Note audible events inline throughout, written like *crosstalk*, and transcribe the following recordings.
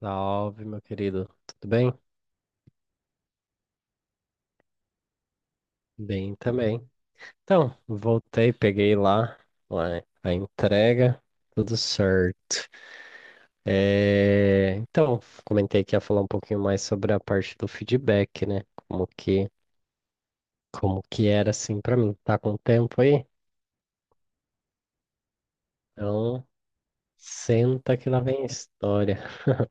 Salve, meu querido. Tudo bem? Bem também. Então, voltei, peguei lá a entrega, tudo certo. É, então, comentei que ia falar um pouquinho mais sobre a parte do feedback, né? Como que, como que era assim pra mim. Tá com tempo aí? Então, senta que lá vem a história. *laughs*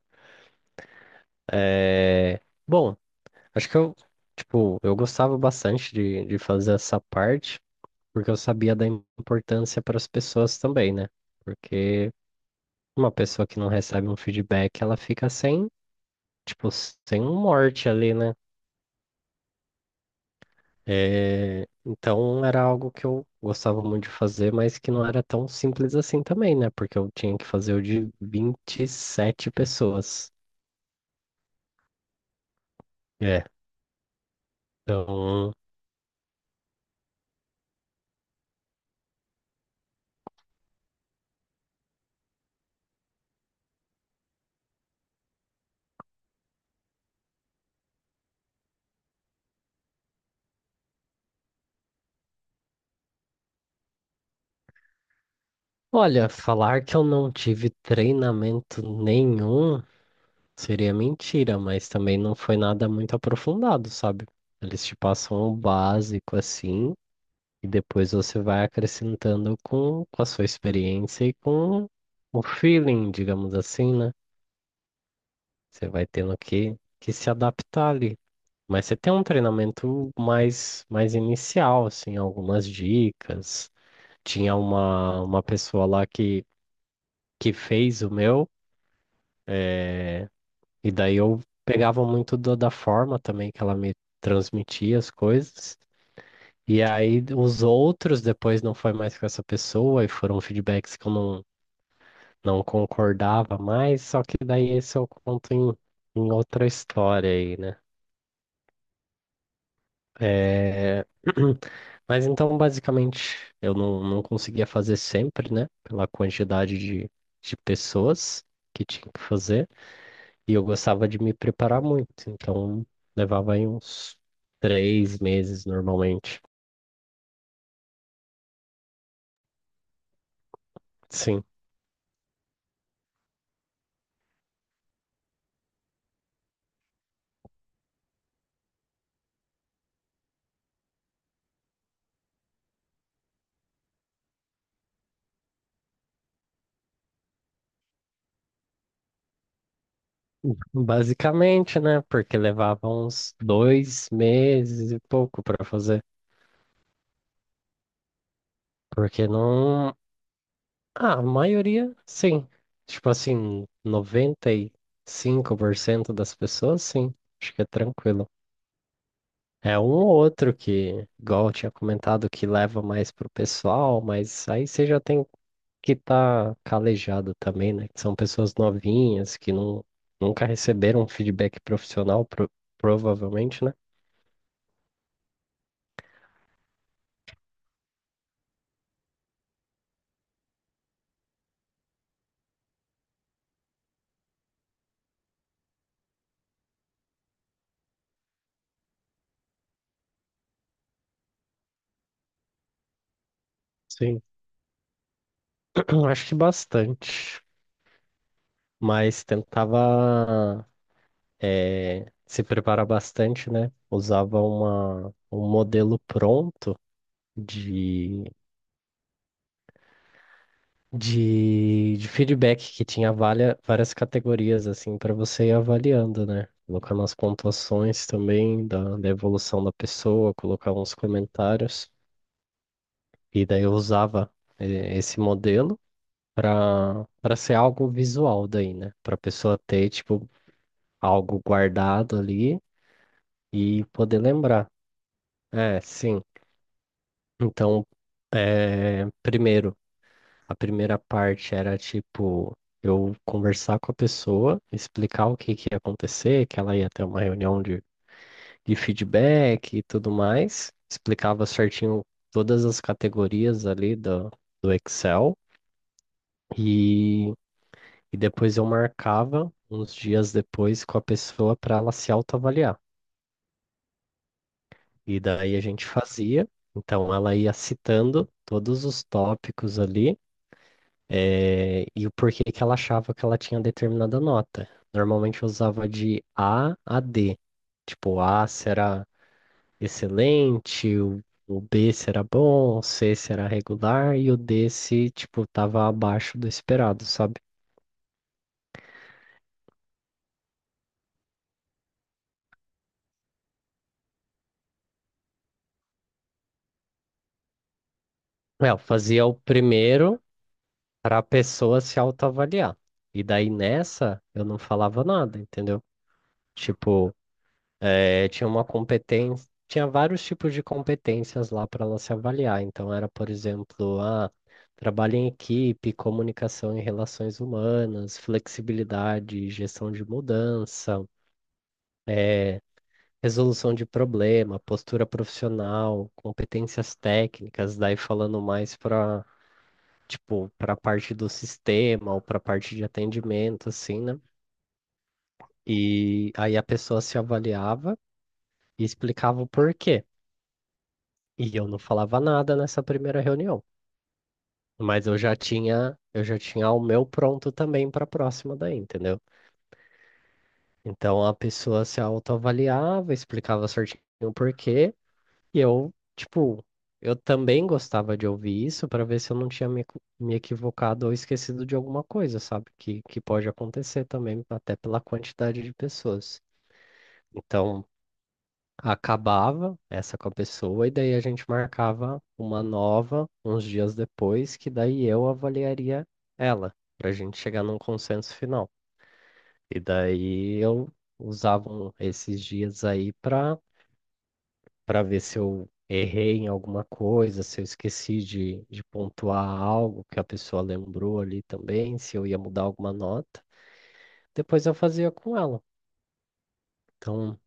É, bom, acho que eu, tipo, eu gostava bastante de fazer essa parte. Porque eu sabia da importância para as pessoas também, né? Porque uma pessoa que não recebe um feedback, ela fica sem, tipo, sem um norte ali, né? É, então era algo que eu gostava muito de fazer, mas que não era tão simples assim também, né? Porque eu tinha que fazer o de 27 pessoas. É, então, olha, falar que eu não tive treinamento nenhum. Seria mentira, mas também não foi nada muito aprofundado, sabe? Eles te passam o básico assim, e depois você vai acrescentando com a sua experiência e com o feeling, digamos assim, né? Você vai tendo que se adaptar ali. Mas você tem um treinamento mais inicial, assim, algumas dicas. Tinha uma pessoa lá que fez o meu. E daí eu pegava muito da forma também que ela me transmitia as coisas. E aí os outros depois não foi mais com essa pessoa e foram feedbacks que eu não concordava mais. Só que daí esse eu conto em outra história aí, né? É, *clears throat* mas então, basicamente, eu não conseguia fazer sempre, né? Pela quantidade de pessoas que tinha que fazer. E eu gostava de me preparar muito, então levava aí uns 3 meses normalmente. Sim, basicamente, né? Porque levava uns 2 meses e pouco para fazer. Porque não. Ah, a maioria, sim. Tipo assim, 95% das pessoas, sim. Acho que é tranquilo. É um ou outro que, igual eu tinha comentado, que leva mais pro pessoal, mas aí você já tem que tá calejado também, né? Que são pessoas novinhas que não, nunca receberam feedback profissional, provavelmente, né? Sim. *clears throat* Acho que bastante, mas tentava se preparar bastante, né? Usava um modelo pronto de de feedback que tinha várias categorias assim para você ir avaliando, né? Colocar nas pontuações também da evolução da pessoa, colocar uns comentários. E daí eu usava esse modelo para ser algo visual daí, né? Para a pessoa ter tipo algo guardado ali e poder lembrar. É, sim. Então, eh, primeiro a primeira parte era tipo eu conversar com a pessoa, explicar o que que ia acontecer, que ela ia ter uma reunião de feedback e tudo mais. Explicava certinho todas as categorias ali do Excel e, e depois eu marcava uns dias depois com a pessoa para ela se autoavaliar. E daí a gente fazia, então ela ia citando todos os tópicos ali, e o porquê que ela achava que ela tinha determinada nota. Normalmente eu usava de A a D. Tipo, A será excelente, o B será bom, o C será regular e o D se, tipo, tava abaixo do esperado, sabe? É, eu fazia o primeiro para a pessoa se autoavaliar. E daí nessa eu não falava nada, entendeu? Tipo, tinha uma competência, tinha vários tipos de competências lá para ela se avaliar. Então, era, por exemplo, a trabalho em equipe, comunicação e relações humanas, flexibilidade, gestão de mudança, é, resolução de problema, postura profissional, competências técnicas, daí falando mais para, tipo, para a parte do sistema ou para a parte de atendimento, assim, né? E aí a pessoa se avaliava e explicava o porquê. E eu não falava nada nessa primeira reunião, mas eu já tinha o meu pronto também para a próxima daí, entendeu? Então a pessoa se autoavaliava, explicava certinho o porquê, e eu, tipo, eu também gostava de ouvir isso para ver se eu não tinha me equivocado ou esquecido de alguma coisa, sabe? Que pode acontecer também, até pela quantidade de pessoas. Então, acabava essa com a pessoa e daí a gente marcava uma nova uns dias depois, que daí eu avaliaria ela, para a gente chegar num consenso final. E daí eu usava esses dias aí para ver se eu errei em alguma coisa, se eu esqueci de pontuar algo que a pessoa lembrou ali também, se eu ia mudar alguma nota. Depois eu fazia com ela. Então,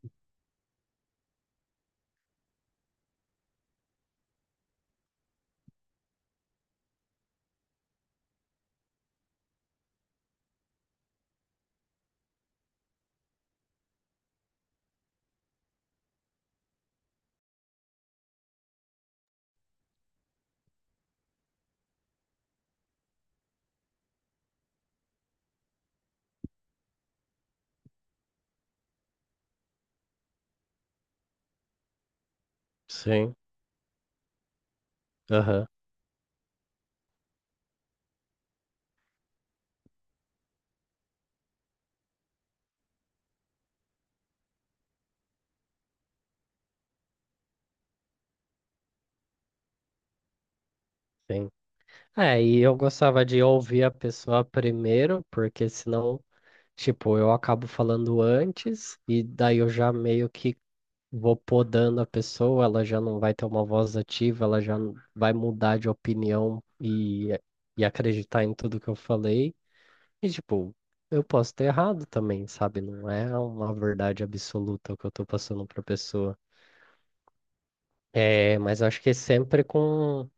sim, aham, sim. É, e eu gostava de ouvir a pessoa primeiro, porque senão, tipo, eu acabo falando antes e daí eu já meio que vou podando a pessoa, ela já não vai ter uma voz ativa, ela já vai mudar de opinião e acreditar em tudo que eu falei. E, tipo, eu posso ter errado também, sabe? Não é uma verdade absoluta o que eu tô passando pra pessoa. É, mas eu acho que sempre com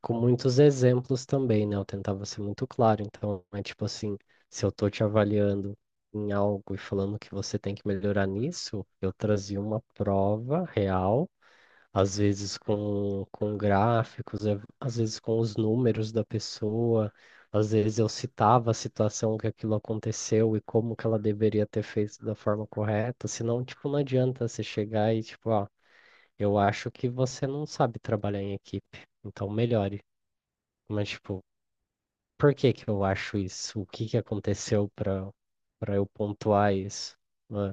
com muitos exemplos também, né? Eu tentava ser muito claro. Então, é tipo assim, se eu tô te avaliando em algo e falando que você tem que melhorar nisso, eu trazia uma prova real, às vezes com gráficos, às vezes com os números da pessoa, às vezes eu citava a situação que aquilo aconteceu e como que ela deveria ter feito da forma correta, senão, tipo, não adianta você chegar e, tipo, ó, eu acho que você não sabe trabalhar em equipe, então melhore. Mas, tipo, por que que eu acho isso? O que que aconteceu pra eu pontuar isso? Ah,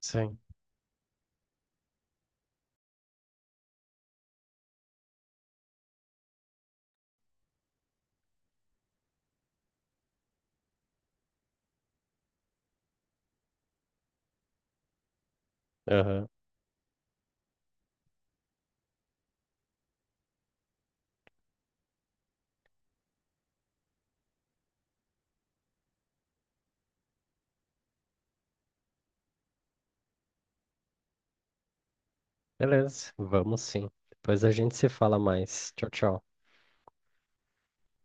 sim. Aham. Beleza, vamos sim. Depois a gente se fala mais. Tchau, tchau.